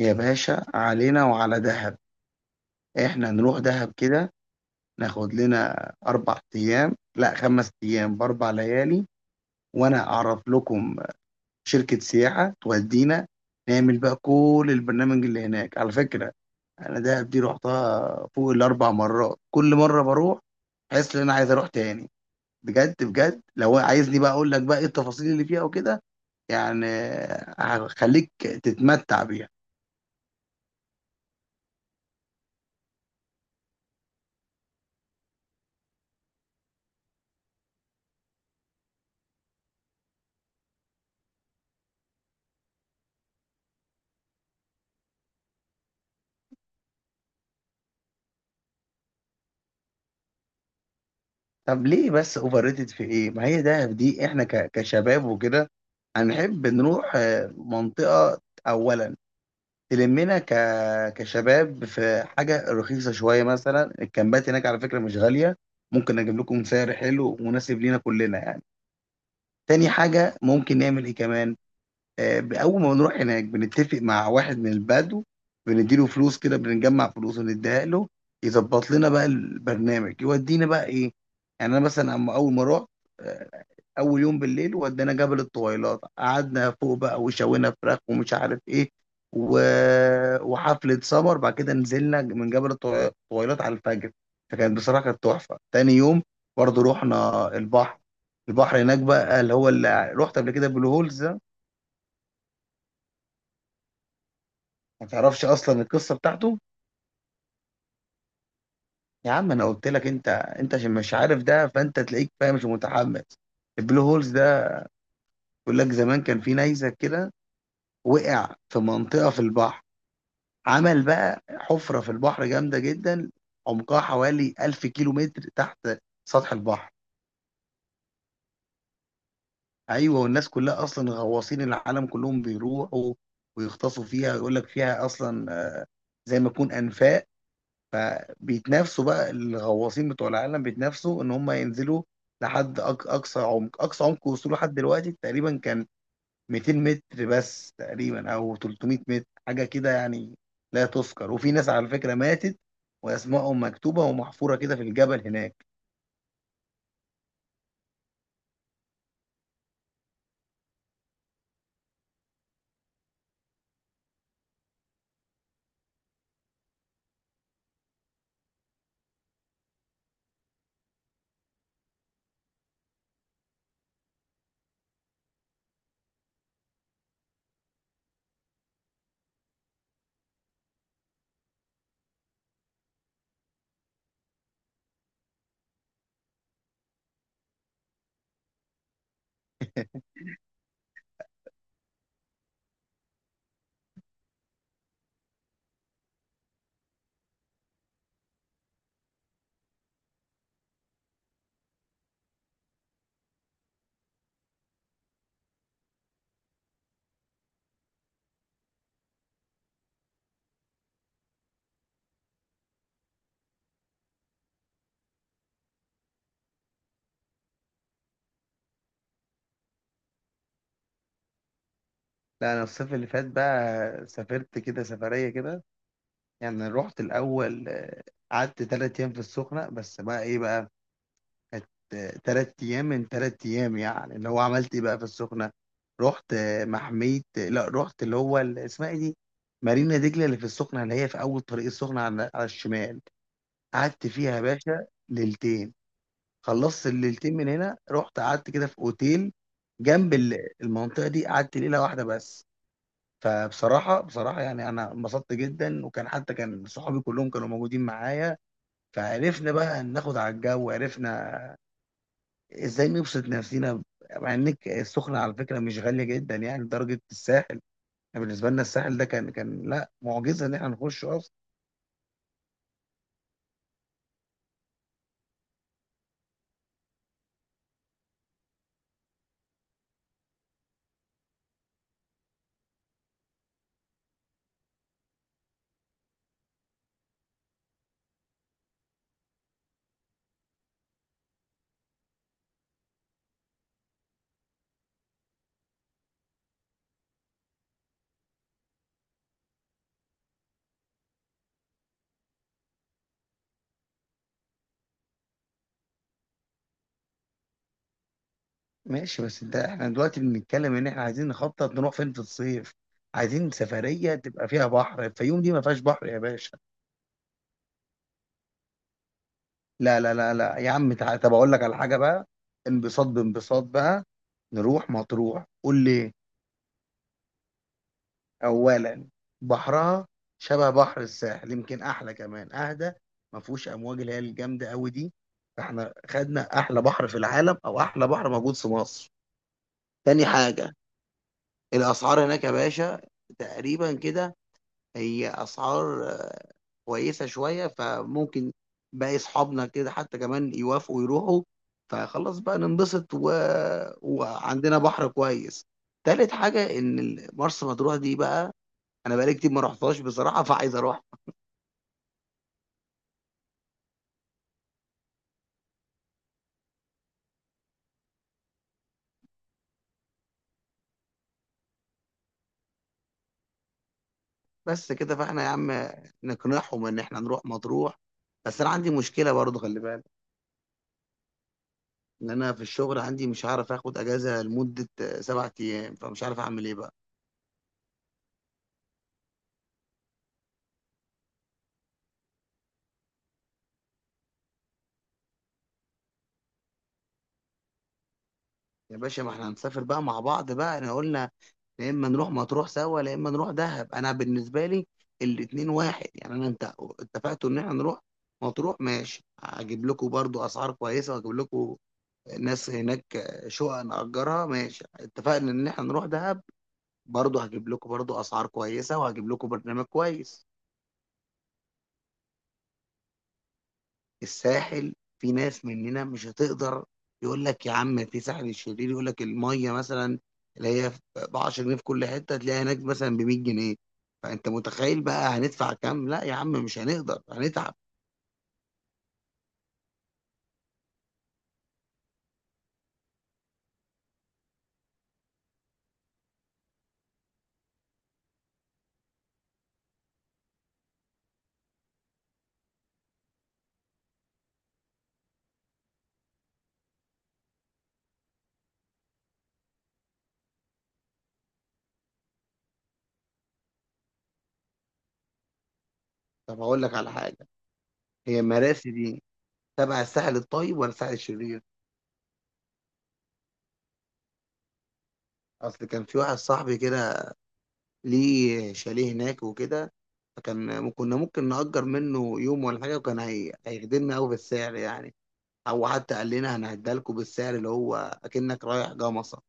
يا باشا علينا وعلى دهب. احنا نروح دهب كده، ناخد لنا 4 ايام، لا 5 ايام بـ4 ليالي. وانا اعرف لكم شركة سياحة تودينا، نعمل بقى كل البرنامج اللي هناك. على فكرة، انا دهب دي رحتها فوق الـ4 مرات، كل مرة بروح حاسس ان انا عايز اروح تاني، بجد بجد. لو عايزني بقى اقول لك بقى ايه التفاصيل اللي فيها وكده يعني، هخليك تتمتع بيها. طب ليه بس اوفر ريتد؟ في ايه؟ ما هي دهب دي احنا كشباب وكده هنحب نروح منطقة. اولا تلمنا كشباب في حاجة رخيصة شوية، مثلا الكامبات هناك على فكرة مش غالية. ممكن اجيب لكم سعر حلو مناسب لينا كلنا يعني. تاني حاجة، ممكن نعمل ايه كمان؟ اول ما بنروح هناك بنتفق مع واحد من البدو، بنديله فلوس، كده بنجمع فلوس ونديها له، يظبط لنا بقى البرنامج، يودينا بقى ايه. يعني انا مثلا اما اول ما رحت، آه، اول يوم بالليل ودانا جبل الطويلات، قعدنا فوق بقى وشوينا فراخ ومش عارف ايه، و... وحفلة سمر. بعد كده نزلنا من جبل الطويلات على الفجر، فكانت بصراحة كانت تحفة. تاني يوم برضه رحنا البحر، البحر هناك بقى اللي هو اللي رحت قبل كده، بلو هولز. ما تعرفش اصلا القصه بتاعته؟ يا عم انا قلت لك، انت انت عشان مش عارف ده فانت تلاقيك فاهم مش متحمس. البلو هولز ده بيقول لك زمان كان في نيزك كده، وقع في منطقه في البحر، عمل بقى حفره في البحر جامده جدا، عمقها حوالي 1000 كيلو متر تحت سطح البحر. ايوه، والناس كلها اصلا غواصين العالم كلهم بيروحوا ويغطسوا فيها. يقول لك فيها اصلا زي ما يكون انفاق، فبيتنافسوا بقى الغواصين بتوع العالم، بيتنافسوا ان هم ينزلوا لحد اقصى عمق. اقصى عمق وصوله لحد دلوقتي تقريبا كان 200 متر بس تقريبا، او 300 متر حاجه كده يعني، لا تذكر. وفي ناس على فكره ماتت واسمائهم مكتوبه ومحفوره كده في الجبل هناك. لا، انا الصيف اللي فات بقى سافرت كده سفريه كده. يعني رحت الاول، قعدت 3 ايام في السخنه بس. بقى ايه بقى، كانت 3 أيام، من 3 أيام يعني اللي هو عملت إيه بقى في السخنة. رحت محمية، لا رحت اللي هو اسمها إيه دي، مارينا دجلة، اللي في السخنة اللي هي في أول طريق السخنة على الشمال. قعدت فيها يا باشا ليلتين. خلصت الليلتين، من هنا رحت قعدت كده في أوتيل جنب المنطقة دي، قعدت ليلة واحدة بس. فبصراحة يعني أنا انبسطت جدا، وكان حتى كان صحابي كلهم كانوا موجودين معايا، فعرفنا بقى ناخد على الجو، عرفنا ازاي نبسط نفسينا. مع ان السخنة على فكرة مش غالية جدا، يعني درجة الساحل. يعني بالنسبة لنا الساحل ده كان لا، معجزة ان احنا نخش اصلا. ماشي، بس ده احنا دلوقتي بنتكلم ان احنا عايزين نخطط نروح فين في الصيف. عايزين سفرية تبقى فيها بحر. الفيوم دي ما فيهاش بحر يا باشا. لا لا لا لا يا عم، طب اقول لك على حاجة بقى، انبساط بانبساط بقى، نروح مطروح. قول لي. أولا، بحرها شبه بحر الساحل، يمكن أحلى كمان، أهدى، ما فيهوش أمواج اللي هي الجامدة أوي دي. فإحنا خدنا أحلى بحر في العالم، أو أحلى بحر موجود في مصر. تاني حاجة، الأسعار هناك يا باشا تقريبا كده، هي أسعار كويسة شوية. فممكن باقي أصحابنا كده حتى كمان يوافقوا يروحوا، فخلاص بقى ننبسط وعندنا بحر كويس. تالت حاجة، إن مرسى مطروح دي بقى انا بقالي كتير ما رحتهاش بصراحه، فعايز اروح. بس كده فاحنا يا عم نقنعهم ان احنا نروح مطروح. بس انا عندي مشكله برضه، خلي بالك، ان انا في الشغل عندي مش هعرف اخد اجازه لمده 7 ايام، فمش عارف اعمل ايه بقى. يا باشا ما احنا هنسافر بقى مع بعض، بقى احنا قلنا يا اما نروح مطروح سوا يا اما نروح دهب. انا بالنسبه لي الاتنين واحد يعني. انا انت اتفقتوا ان احنا نروح مطروح، ماشي، هجيب لكم برضو اسعار كويسه، واجيب لكم ناس هناك، شقق نأجرها. ماشي، اتفقنا ان احنا نروح دهب، برضه هجيب لكم برضه اسعار كويسة، وهجيب لكم برنامج كويس. الساحل في ناس مننا مش هتقدر. يقول لك يا عم، في ساحل الشرير يقول لك المية مثلا اللي هي ب 10 جنيه في كل حتة، تلاقيها هناك مثلا ب 100 جنيه. فانت متخيل بقى هندفع كام؟ لا يا عم مش هنقدر، هنتعب. طب هقول لك على حاجة. هي مراسي دي تبع الساحل الطيب ولا الساحل الشرير؟ اصل كان في واحد صاحبي كده ليه شاليه هناك وكده، فكان كنا ممكن نأجر منه يوم ولا حاجة، وكان هيخدمنا أوي بالسعر يعني. أو حتى قال لنا هنعدها لكم بالسعر اللي هو أكنك رايح جمصة.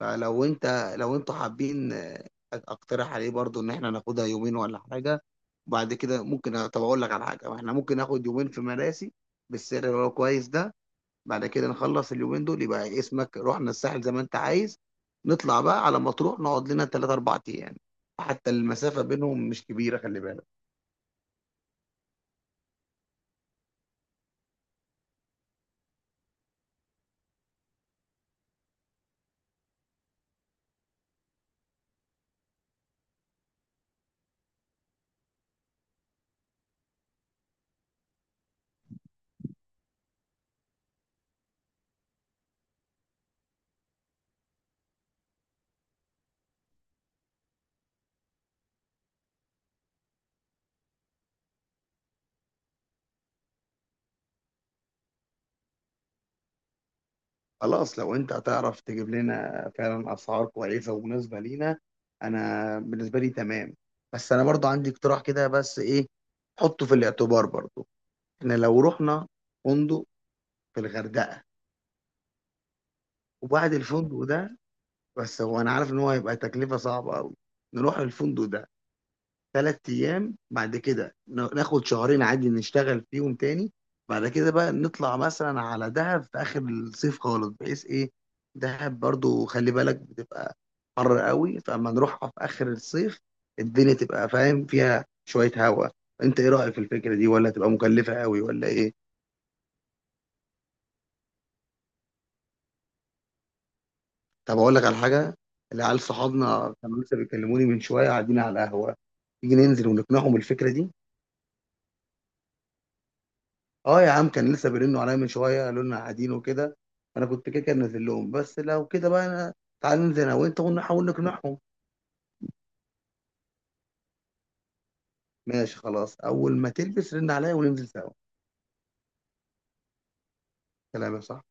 فلو أنت، لو أنتوا حابين، أقترح عليه برضو إن إحنا ناخدها يومين ولا حاجة. وبعد كده ممكن، طب أقول لك على حاجة، إحنا ممكن ناخد يومين في مراسي بالسعر اللي هو كويس ده، بعد كده نخلص اليومين دول، يبقى اسمك رحنا الساحل زي ما انت عايز، نطلع بقى على مطروح نقعد لنا 3 4 ايام. حتى المسافة بينهم مش كبيرة، خلي بالك. خلاص، لو انت هتعرف تجيب لنا فعلا اسعار كويسة ومناسبة لينا، انا بالنسبة لي تمام. بس انا برضو عندي اقتراح كده، بس ايه، حطه في الاعتبار برضو. احنا لو رحنا فندق في الغردقة، وبعد الفندق ده، بس هو انا عارف ان هو هيبقى تكلفة صعبة قوي، نروح الفندق ده 3 ايام، بعد كده ناخد شهرين عادي نشتغل فيهم تاني. بعد كده بقى نطلع مثلا على دهب في اخر الصيف خالص، بحيث ايه، دهب برضو خلي بالك بتبقى حر قوي، فاما نروحها في اخر الصيف، الدنيا تبقى فاهم فيها شوية هواء. انت ايه رأيك في الفكرة دي، ولا تبقى مكلفة قوي ولا ايه؟ طب اقول لك على حاجة. العيال صحابنا كانوا لسه بيكلموني من شوية، قاعدين على القهوة. تيجي ننزل ونقنعهم الفكرة دي؟ اه يا عم، كان لسه بيرنوا عليا من شويه، قالوا لنا قاعدين وكده. انا كنت كده كده نازل لهم، بس لو كده بقى، انا تعال ننزل انا وانت ونحاول نقنعهم. ماشي خلاص، اول ما تلبس رن عليا وننزل سوا. كلامك صح.